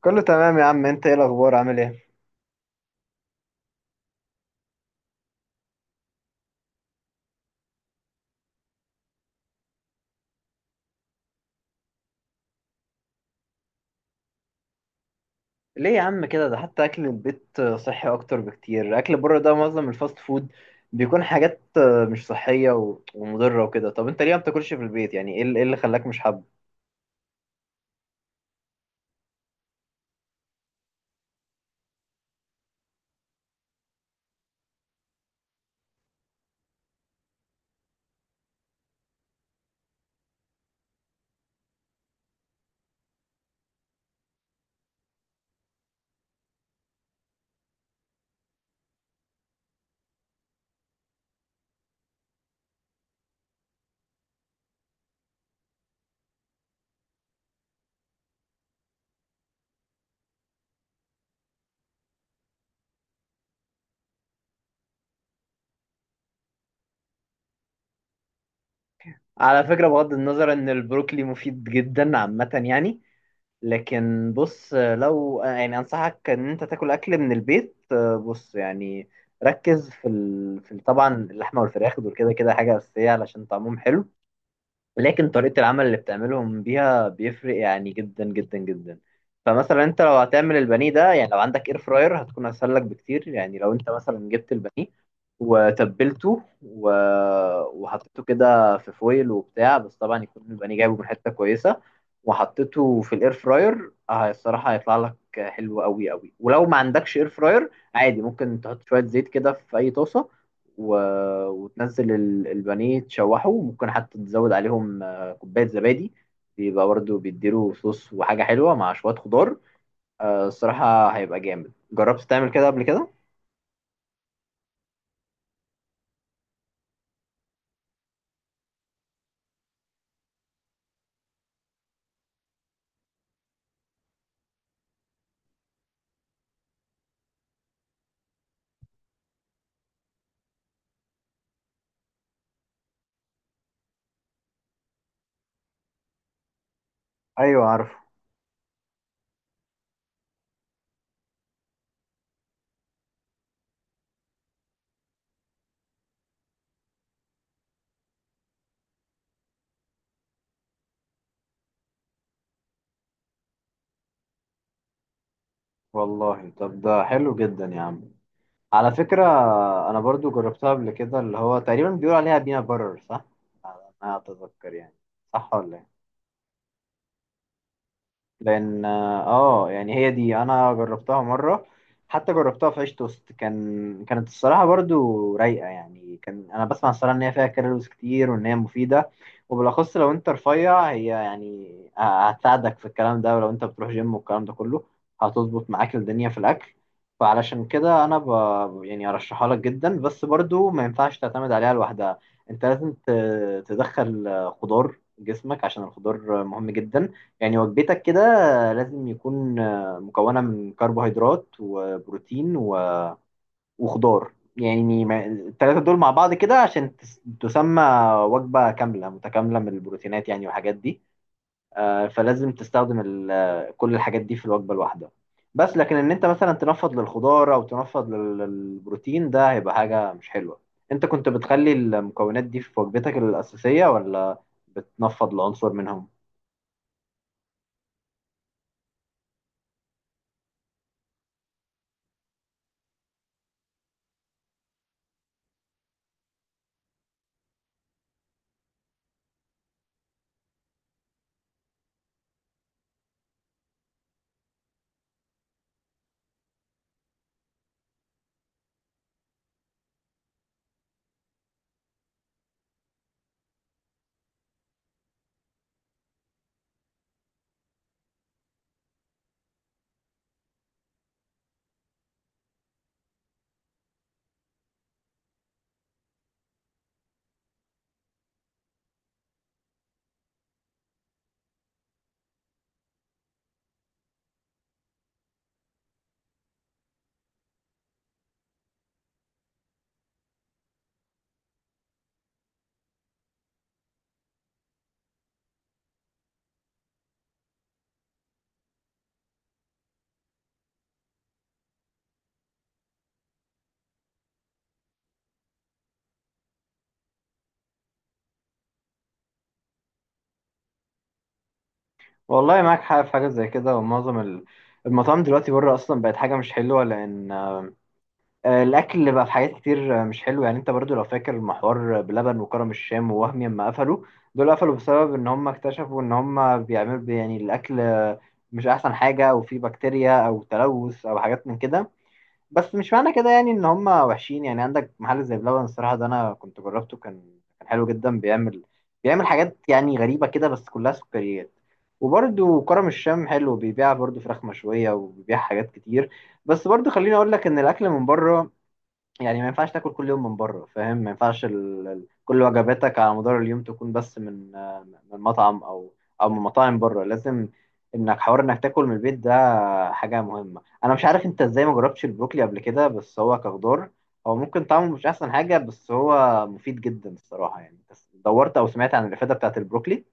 كله تمام يا عم. انت ايه الاخبار، عامل ايه؟ ليه يا عم كده؟ ده حتى اكل البيت صحي اكتر بكتير. اكل بره ده معظم الفاست فود بيكون حاجات مش صحية و- ومضرة وكده. طب انت ليه ما بتاكلش في البيت؟ يعني ايه اللي خلاك مش حابه؟ على فكرة، بغض النظر ان البروكلي مفيد جدا عامة، يعني لكن بص، لو يعني انصحك ان انت تاكل اكل من البيت. بص، يعني ركز طبعا اللحمة والفراخ دول كده كده حاجة اساسية علشان طعمهم حلو. لكن طريقة العمل اللي بتعملهم بيها بيفرق يعني جدا جدا جدا. فمثلا انت لو هتعمل البانيه ده، يعني لو عندك اير فراير هتكون اسهل لك بكتير. يعني لو انت مثلا جبت البانيه وتبلته و... وحطيته كده في فويل وبتاع، بس طبعا يكون البانيه جايبه من حتة كويسة، وحطيته في الاير فراير، اه الصراحة هيطلع لك حلو قوي قوي. ولو ما عندكش اير فراير عادي، ممكن تحط شوية زيت كده في اي طاسة و... وتنزل البانيه تشوحه، وممكن حتى تزود عليهم كوباية زبادي، بيبقى برضه بيديله صوص وحاجة حلوة مع شوية خضار. الصراحة هيبقى جامد. جربت تعمل كده قبل كده؟ ايوه، عارفه. والله طب ده حلو جدا يا عم. على فكره انا برضو جربتها قبل كده، اللي هو تقريبا بيقول عليها بينا برر، صح؟ انا اتذكر يعني، صح ولا إيه؟ لان يعني هي دي انا جربتها مره. حتى جربتها في عيش توست. كانت الصراحه برضو رايقه. يعني كان انا بسمع الصراحه ان هي فيها كالوريز كتير وان هي مفيده، وبالاخص لو انت رفيع هي يعني هتساعدك في الكلام ده. ولو انت بتروح جيم والكلام ده كله، هتظبط معاك الدنيا في الاكل. فعلشان كده انا يعني ارشحها لك جدا. بس برضو ما ينفعش تعتمد عليها لوحدها. انت لازم تدخل خضار جسمك عشان الخضار مهم جدا. يعني وجبتك كده لازم يكون مكونة من كربوهيدرات وبروتين و- وخضار. يعني التلاتة دول مع بعض كده عشان تسمى وجبة كاملة متكاملة من البروتينات، يعني والحاجات دي. فلازم تستخدم كل الحاجات دي في الوجبة الواحدة. بس لكن ان انت مثلا تنفض للخضار او تنفض للبروتين ده هيبقى حاجة مش حلوة. انت كنت بتخلي المكونات دي في وجبتك الأساسية ولا بتنفض لعنصر منهم؟ والله معاك حق في حاجة زي كده. ومعظم المطاعم دلوقتي بره أصلا بقت حاجة مش حلوة، لأن الأكل اللي بقى في حاجات كتير مش حلو. يعني أنت برضو لو فاكر المحور بلبن وكرم الشام ووهمي لما قفلوا، دول قفلوا بسبب إن هم اكتشفوا إن هم بيعملوا يعني الأكل مش أحسن حاجة، أو فيه بكتيريا أو تلوث أو حاجات من كده. بس مش معنى كده يعني ان هم وحشين. يعني عندك محل زي بلبن، الصراحه ده انا كنت جربته كان حلو جدا. بيعمل حاجات يعني غريبه كده بس كلها سكريات. وبرده كرم الشام حلو، بيبيع برده فراخ مشويه وبيبيع حاجات كتير. بس برده خليني اقول لك ان الاكل من بره، يعني ما ينفعش تاكل كل يوم من بره، فاهم؟ ما ينفعش كل وجباتك على مدار اليوم تكون بس من من مطعم او من مطاعم بره. لازم انك حوار انك تاكل من البيت حاجة مهمة. أنا مش عارف أنت إزاي ما جربتش البروكلي قبل كده، بس هو كخضار هو ممكن طعمه مش أحسن حاجة، بس هو مفيد جدا الصراحة. يعني بس دورت أو سمعت عن الإفادة بتاعة البروكلي؟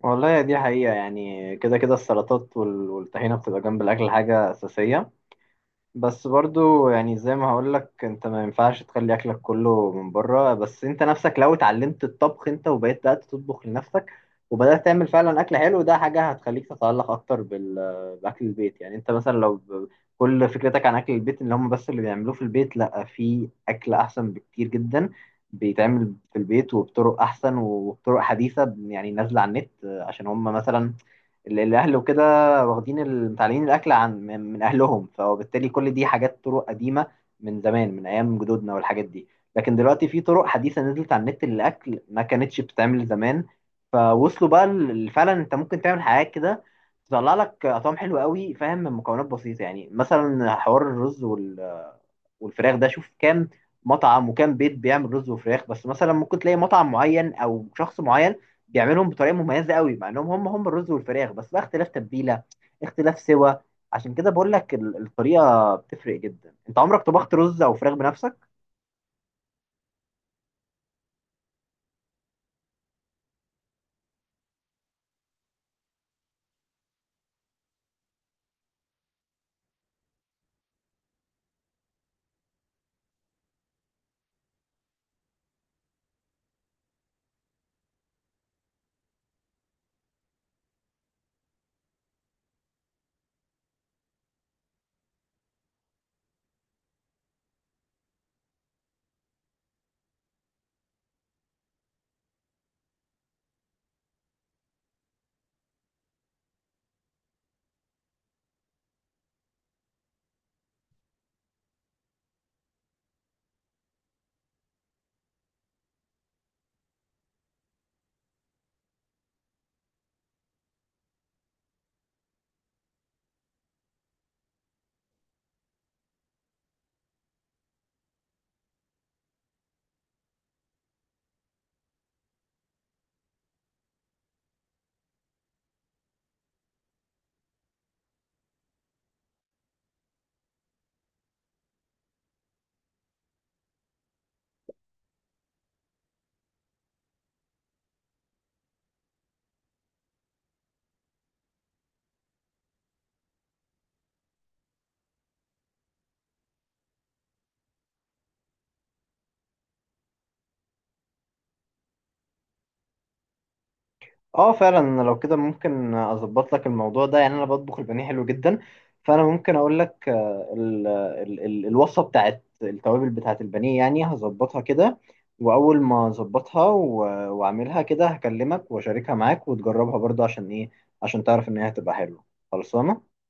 والله دي حقيقة. يعني كده كده السلطات وال- والطحينة بتبقى جنب الأكل حاجة أساسية. بس برضو يعني زي ما هقولك انت ما ينفعش تخلي اكلك كله من بره. بس انت نفسك لو اتعلمت الطبخ انت وبقيت بدأت تطبخ لنفسك وبدأت تعمل فعلا اكل حلو، ده حاجة هتخليك تتعلق اكتر باكل البيت. يعني انت مثلا لو كل فكرتك عن اكل البيت اللي هم بس اللي بيعملوه في البيت، لا في اكل احسن بكتير جدا بيتعمل في البيت وبطرق احسن وبطرق حديثة، يعني نازلة على النت. عشان هم مثلا الاهل وكده واخدين متعلمين الاكل عن من اهلهم، فبالتالي كل دي حاجات طرق قديمه من زمان، من ايام جدودنا والحاجات دي. لكن دلوقتي في طرق حديثه نزلت على النت للاكل ما كانتش بتتعمل زمان. فوصلوا بقى فعلا انت ممكن تعمل حاجات كده تطلع لك اطعام حلوه قوي، فاهم؟ من مكونات بسيطه، يعني مثلا حوار الرز وال والفراخ ده شوف كام مطعم وكام بيت بيعمل رز وفراخ. بس مثلا ممكن تلاقي مطعم معين او شخص معين بيعملهم بطريقه مميزه قوي، مع انهم هم هم الرز والفراخ بس، بقى اختلاف تتبيله، اختلاف سوا. عشان كده بقول لك الطريقه بتفرق جدا. انت عمرك طبخت رز او فراخ بنفسك؟ اه فعلا، لو كده ممكن اظبط لك الموضوع ده. يعني انا بطبخ البانيه حلو جدا، فانا ممكن اقول لك ال ال ال الوصفه بتاعت التوابل بتاعت البانيه. يعني هظبطها كده، واول ما اظبطها و- واعملها كده هكلمك واشاركها معاك وتجربها برضه، عشان ايه؟ عشان تعرف ان هي هتبقى حلوه خلصانه.